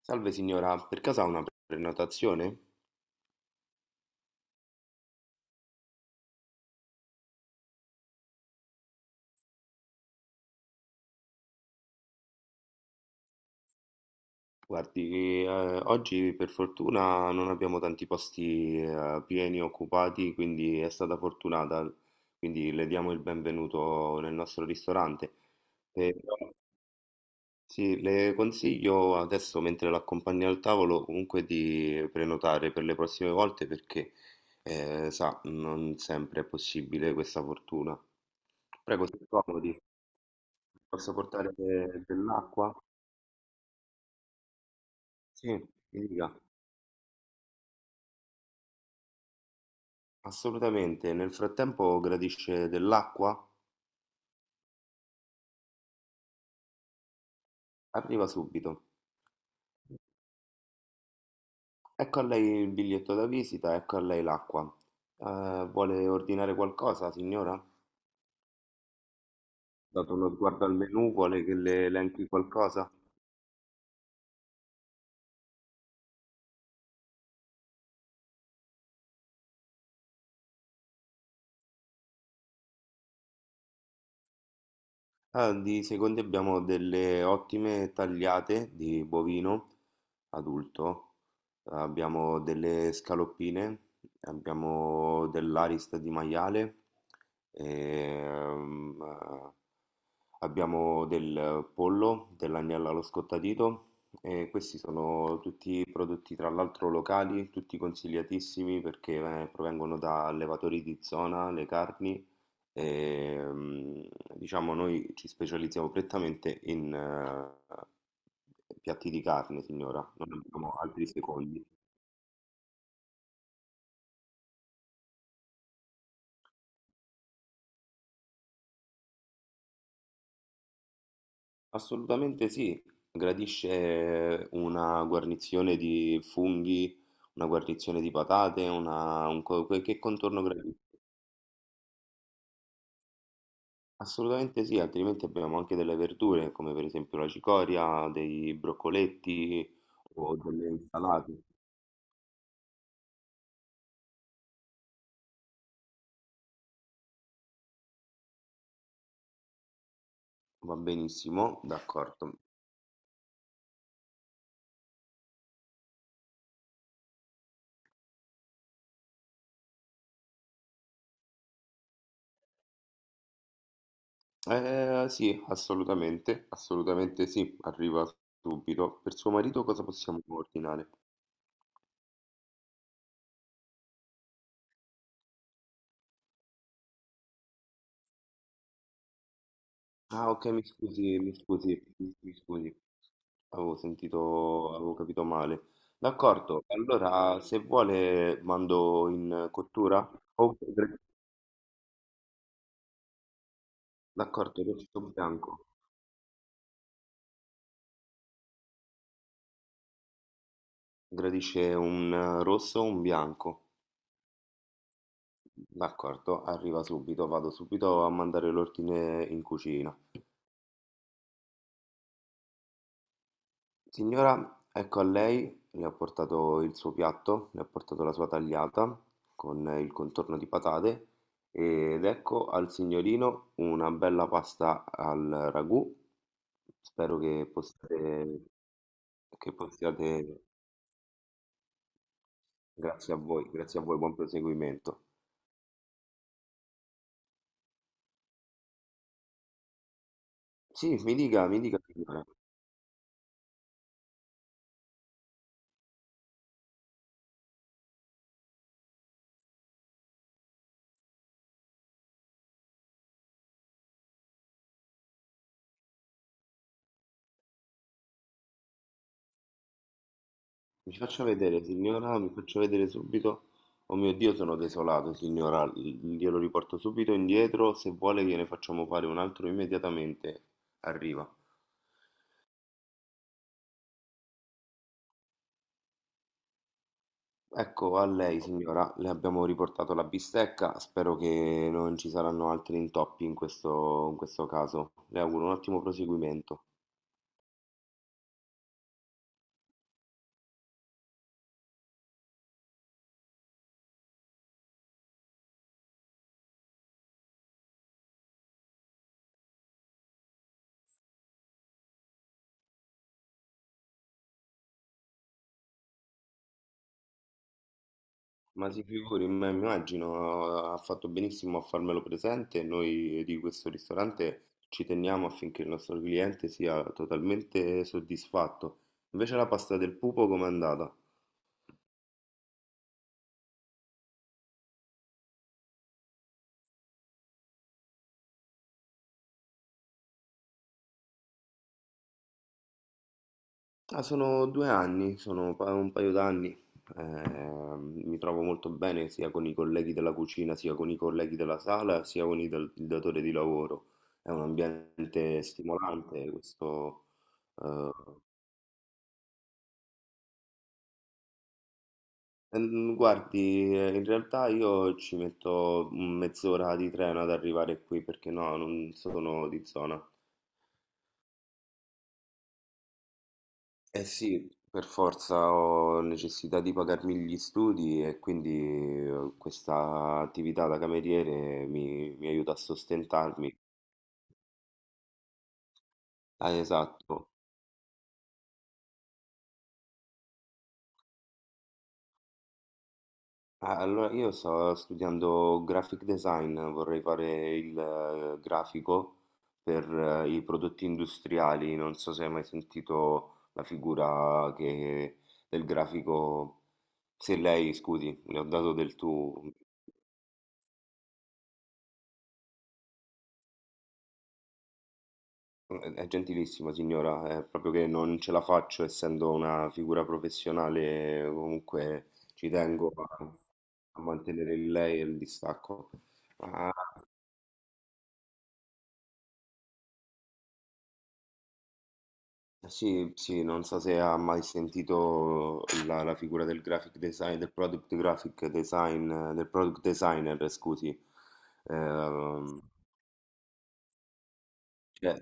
Salve signora, per caso ha una prenotazione? Guardi, oggi per fortuna non abbiamo tanti posti pieni occupati, quindi è stata fortunata, quindi le diamo il benvenuto nel nostro ristorante. Eh, sì, le consiglio adesso, mentre l'accompagna al tavolo, comunque di prenotare per le prossime volte perché, sa, non sempre è possibile questa fortuna. Prego, si accomodi, posso portare dell'acqua? Sì, mi dica, assolutamente. Nel frattempo gradisce dell'acqua? Arriva subito. Ecco a lei il biglietto da visita, ecco a lei l'acqua. Vuole ordinare qualcosa, signora? Dato uno sguardo al menù, vuole che le elenchi qualcosa? Ah, di secondi abbiamo delle ottime tagliate di bovino adulto, abbiamo delle scaloppine, abbiamo dell'arista di maiale, ehm, eh, abbiamo del pollo, dell'agnello allo scottadito e questi sono tutti prodotti tra l'altro locali, tutti consigliatissimi perché provengono da allevatori di zona, le carni. Ehm, diciamo noi ci specializziamo prettamente in piatti di carne, signora, non abbiamo altri secondi. Assolutamente sì, gradisce una guarnizione di funghi, una guarnizione di patate, una, che contorno gradisce? Assolutamente sì, altrimenti abbiamo anche delle verdure, come per esempio la cicoria, dei broccoletti o delle insalate. Va benissimo, d'accordo. Sì, assolutamente, assolutamente sì, arriva subito. Per suo marito cosa possiamo ordinare? Ah, ok, mi scusi, mi scusi, mi scusi, avevo sentito, avevo capito male. D'accordo, allora se vuole mando in cottura. O- gra- D'accordo, rosso bianco. Gradisce un rosso o un bianco? D'accordo, arriva subito, vado subito a mandare l'ordine in cucina. Signora, ecco a lei, le ho portato il suo piatto, le ho portato la sua tagliata con il contorno di patate ed ecco al signorino una bella pasta al ragù. Spero che possiate, grazie a voi, buon proseguimento. Sì, mi dica, signora. Mi faccia vedere, signora, mi faccia vedere subito. Oh mio Dio, sono desolato, signora. Glielo riporto subito indietro. Se vuole, gliene facciamo fare un altro immediatamente. Arriva. Ecco, a lei, signora, le abbiamo riportato la bistecca. Spero che non ci saranno altri intoppi in questo caso. Le auguro un ottimo proseguimento. Ma si figuri, ma immagino, ha fatto benissimo a farmelo presente. Noi di questo ristorante ci teniamo affinché il nostro cliente sia totalmente soddisfatto. Invece la pasta del pupo com'è andata? Ah, sono due anni, un paio d'anni. Eh, mi trovo molto bene sia con i colleghi della cucina, sia con i colleghi della sala, sia con i il datore di lavoro. È un ambiente stimolante questo. eh, Guardi, in realtà io ci metto mezz'ora di treno ad arrivare qui perché no, non sono di zona. Eh sì, per forza ho necessità di pagarmi gli studi e quindi questa attività da cameriere mi aiuta a sostentarmi. Ah, esatto. Allora, io sto studiando graphic design, vorrei fare il grafico per i prodotti industriali. Non so se hai mai sentito la figura del grafico. Se lei, scusi, le ho dato del tu. È gentilissima signora, è proprio che non ce la faccio essendo una figura professionale, comunque ci tengo a, a mantenere il lei e il distacco. Ma Sì, sì, non so se ha mai sentito la figura del graphic design, del product graphic design, del product designer, scusi. Ehm, cioè,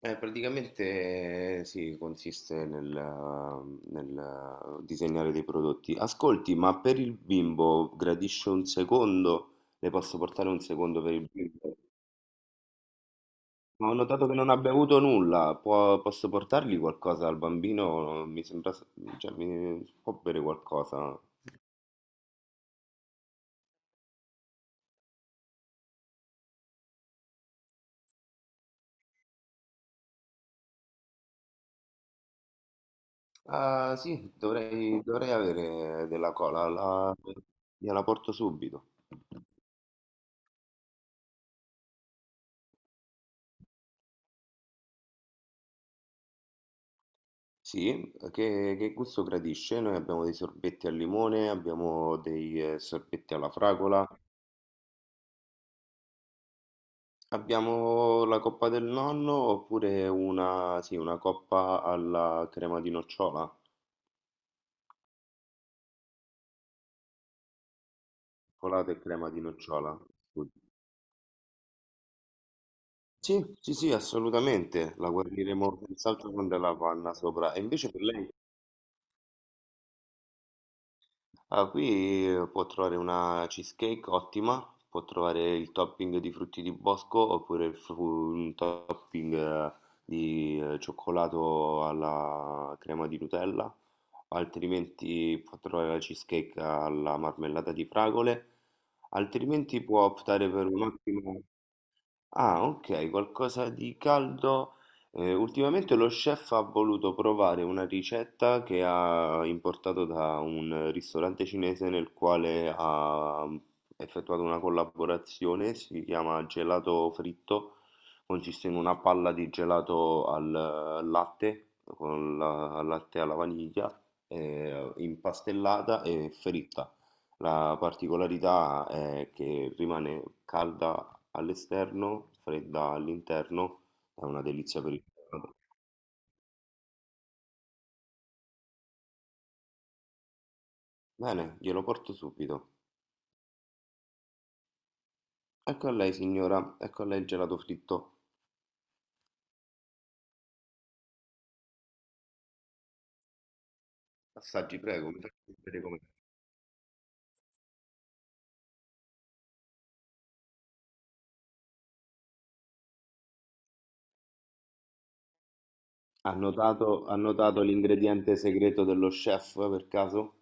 praticamente sì, consiste nel, disegnare dei prodotti. Ascolti, ma per il bimbo gradisce un secondo? Le posso portare un secondo per il bimbo? Ma ho notato che non ha bevuto nulla. Posso portargli qualcosa al bambino? Mi sembra, cioè, può bere qualcosa. Ah, sì, dovrei, dovrei avere della cola. La, gliela porto subito. Sì, che gusto gradisce? Noi abbiamo dei sorbetti al limone, abbiamo dei sorbetti alla fragola, abbiamo la coppa del nonno oppure una, sì, una coppa alla crema di nocciola, cioccolato e crema di nocciola. Sì, sì, sì, assolutamente, la guarniremo senz'altro con della panna sopra. E invece per lei, ah, qui può trovare una cheesecake ottima, può trovare il topping di frutti di bosco oppure un topping di cioccolato alla crema di Nutella, altrimenti può trovare la cheesecake alla marmellata di fragole, altrimenti può optare per un'ottima... Ah, ok, qualcosa di caldo. Ultimamente lo chef ha voluto provare una ricetta che ha importato da un ristorante cinese nel quale ha effettuato una collaborazione, si chiama gelato fritto, consiste in una palla di gelato al latte, con la al latte alla vaniglia, impastellata e fritta. La particolarità è che rimane calda all'esterno, fredda all'interno, è una delizia per il gelato. Bene, glielo porto subito. Ecco a lei, signora, ecco a lei il gelato fritto. Assaggi, prego, mi faccia sapere com'è. Ha notato l'ingrediente segreto dello chef per caso?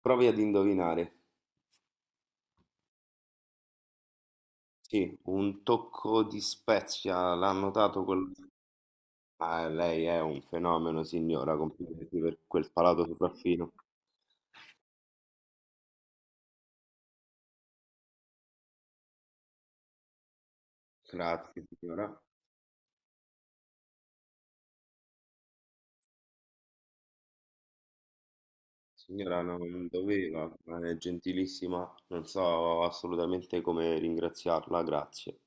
Provi ad indovinare. Sì, un tocco di spezia, l'ha notato quel... Ah, lei è un fenomeno, signora, complimenti per quel palato sopraffino. Grazie, signora. Signora, no, non doveva, ma è gentilissima, non so assolutamente come ringraziarla, grazie.